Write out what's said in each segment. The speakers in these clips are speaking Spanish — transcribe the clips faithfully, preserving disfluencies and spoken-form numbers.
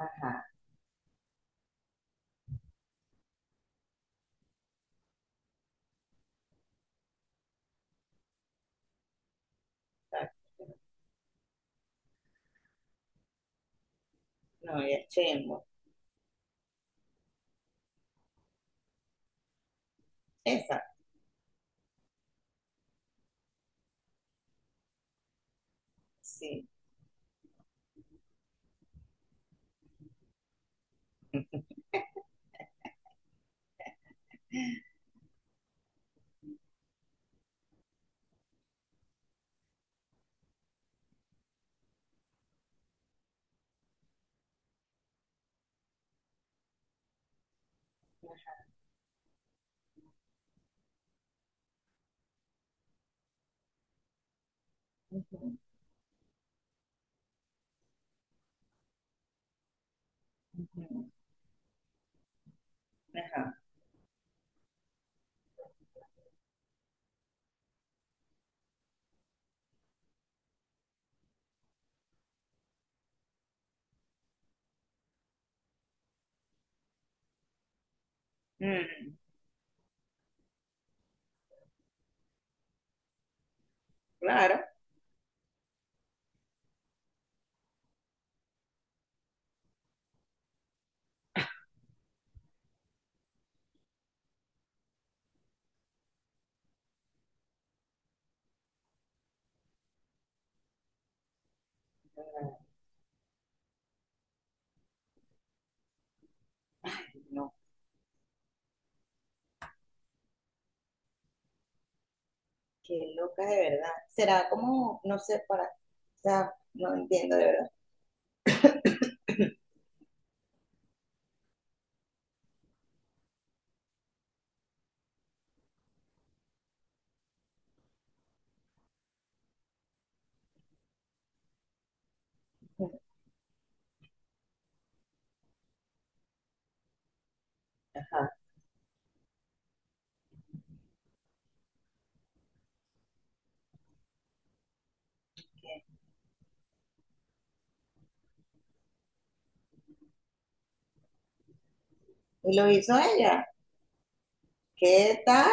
Ajá, exacto. No, y es chimbo. Exacto, sí. Ujú, ujú. Ajá. Mm, claro. Ay, no, qué loca de verdad. Será como, no sé, para, o sea, no entiendo de verdad. Ajá. ¿Y lo hizo ella? ¿Qué tal?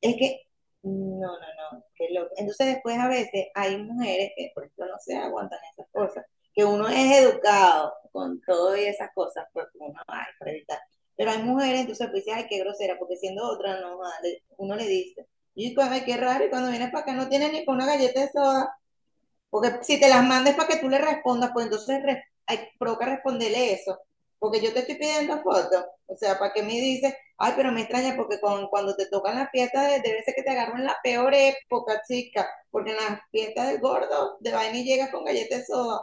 Es que, no, no, no, qué loco. Entonces después a veces hay mujeres que, por ejemplo, no se aguantan esas cosas, que uno es educado con todo y esas cosas, porque uno, ay, para evitar. Pero hay mujeres, entonces pues dices, ay, qué grosera, porque siendo otra, no, vale. Uno le dice, y cuando, ay, qué raro, y cuando vienes para acá no tienes ni con una galleta de soda. Porque si te las mandes para que tú le respondas, pues entonces re- hay- provoca responderle eso. Porque yo te estoy pidiendo fotos. O sea, para que me dices, ay, pero me extraña porque con, cuando te tocan las fiestas, debe ser que te agarran la peor época, chica. Porque en las fiestas del gordo, de vaina y llegas con galletas de soda.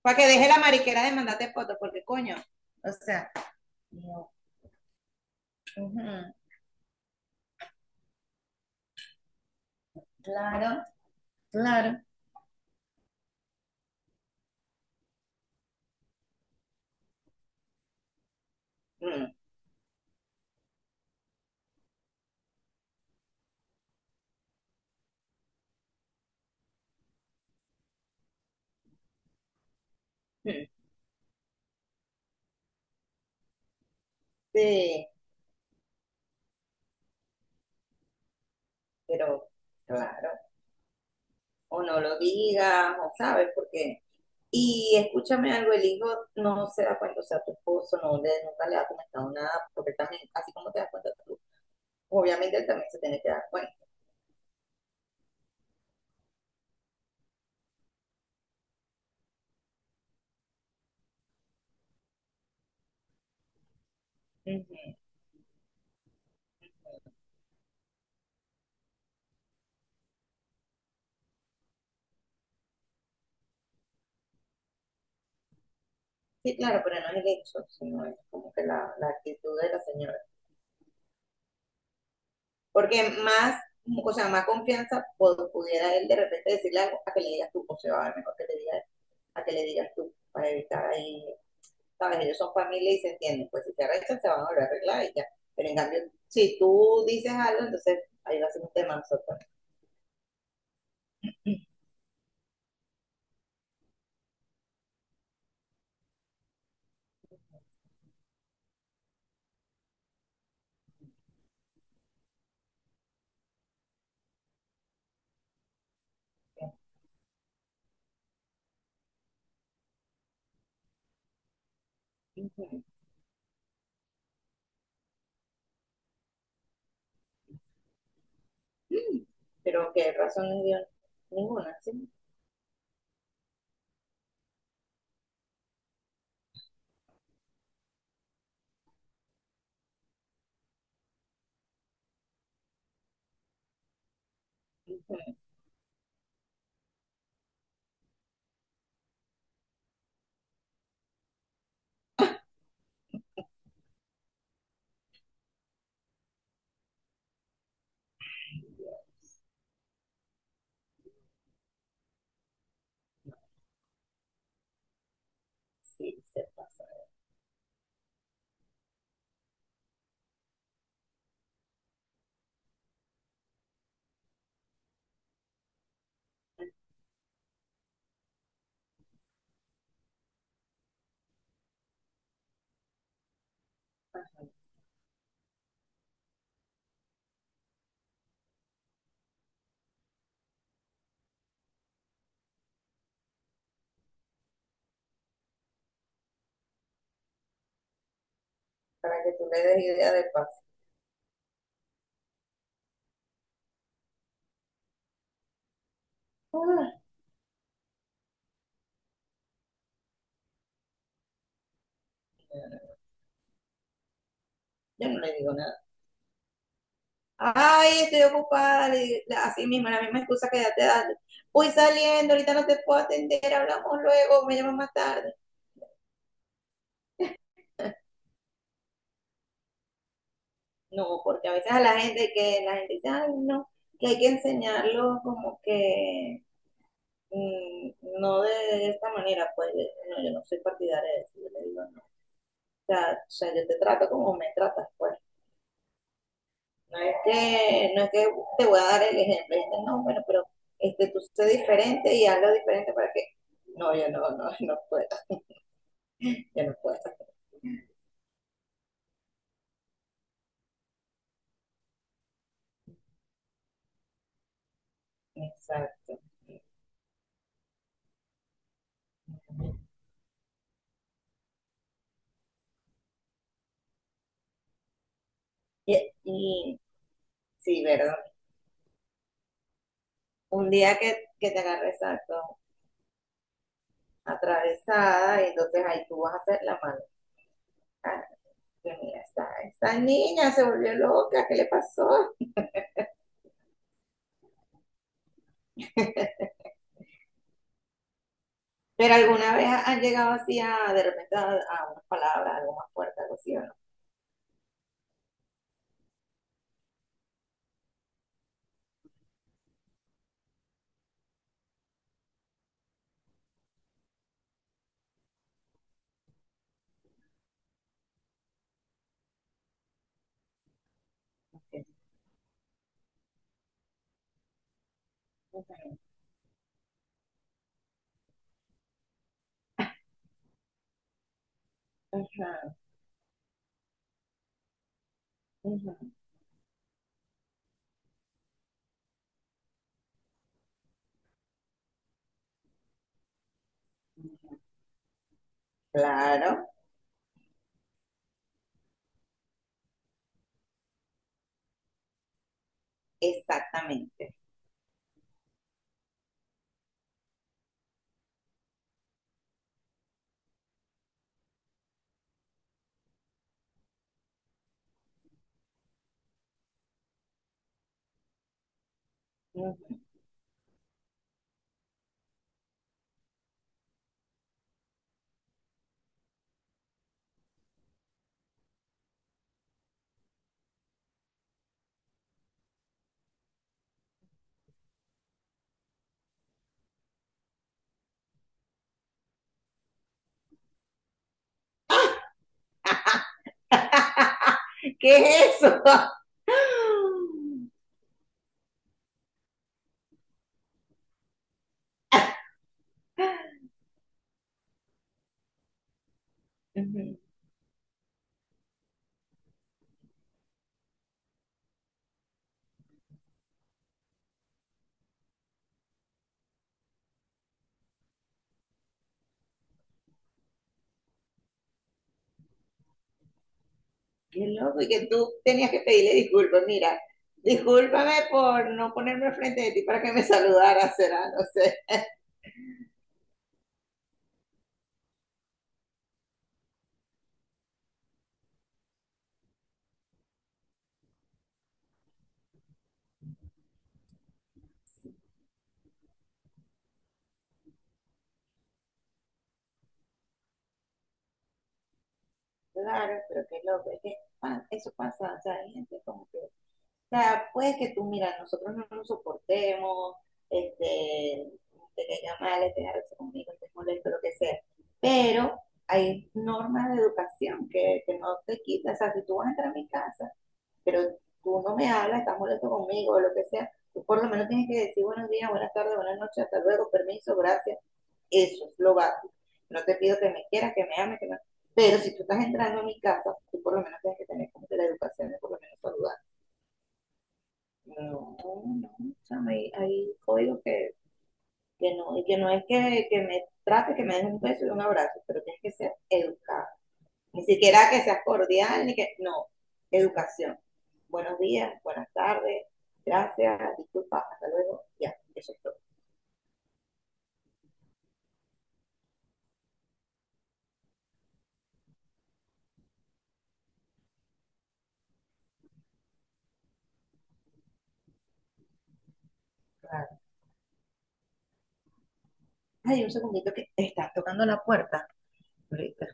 Para que deje la mariquera de mandarte fotos, porque coño. O sea, no. Ujú. Claro, claro. Mm, mm. Sí, pero claro. O no lo digas, o sabes, porque… Y escúchame algo, el hijo no se da cuenta, o sea, tu esposo no le, nunca le ha comentado nada, porque él también, así como te das cuenta tú, obviamente él también se tiene que dar cuenta. Ujú. Sí, claro, pero no es el hecho, sino es como que la, la actitud de la señora. Porque más, o sea, más confianza pod- pudiera él de repente decirle algo a que le digas tú, o sea, va a mejor que le digas, a que le digas tú, para evitar ahí, sabes, ellos son familia y se entienden, pues si se arreglan se van a volver a arreglar y ya. Pero en cambio, si tú dices algo, entonces ahí va a ser un tema, nosotros… Este, ujú. Mm. Pero qué razones dio, ninguna, ¿sí? Ujú. Sí, se pasa. Para que tú le des idea de paso. Ah, yo no le digo nada. Ay, estoy ocupada. Le digo- la- así mismo, la misma excusa que ya te das. Voy saliendo, ahorita no te puedo atender, hablamos luego, me llamas más tarde. No, porque a veces a la gente que la gente dice, ay, no, que hay que enseñarlo como que mm, no de esta manera, pues de- no, yo no soy partidaria de eso, yo le digo, sea, o sea, yo te trato como me tratas, pues. No es que, no es que te voy a dar el ejemplo, este, no, bueno, pero este, tú sé diferente y hazlo diferente para que, no, yo no, no, no puedo, yo no puedo. Exacto. Y, y sí, ¿verdad? Un día que, que te agarre exacto, atravesada, y entonces ahí tú vas a hacer la mano. Ah, que mira, esta, esta niña se volvió loca, ¿qué le pasó? Pero alguna vez han llegado así a, de repente, a, a unas palabras, algo más fuerte, algo así, ¿o no? Ajá, ajá. Claro, exactamente. Ajá. ¿Qué es eso? Qué loco, y que tú tenías que pedirle disculpas. Mira, discúlpame por no ponerme frente de ti para que me saludaras, será, no sé. Claro, pero qué loco, es que pa- eso pasa, o sea, hay gente como que… O sea, puede que tú, mira, nosotros no nos soportemos, este, te caiga mal, te agarres conmigo, te molesto, lo que sea, pero hay normas de educación que, que no te quitan, o sea, si tú vas a entrar a mi casa, pero tú no me hablas, estás molesto conmigo, o lo que sea, tú por lo menos tienes que decir buenos días, buenas tardes, buenas noches, hasta luego, permiso, gracias, eso es lo básico. No te pido que me quieras, que me ames, que me... Pero si tú estás entrando a mi casa, tú por lo menos tienes que tener como que la educación de por lo menos saludar, no, no, o sea, hay, hay códigos que, que no, que no es que, que me trate, que me des un beso y un abrazo, pero tienes que ser educado. Ni siquiera que seas cordial, ni que, no, educación. Buenos días, buenas tardes, gracias, disculpa, hasta luego, ya, eso es todo. Claro. Ay, un segundito que está tocando la puerta ahorita.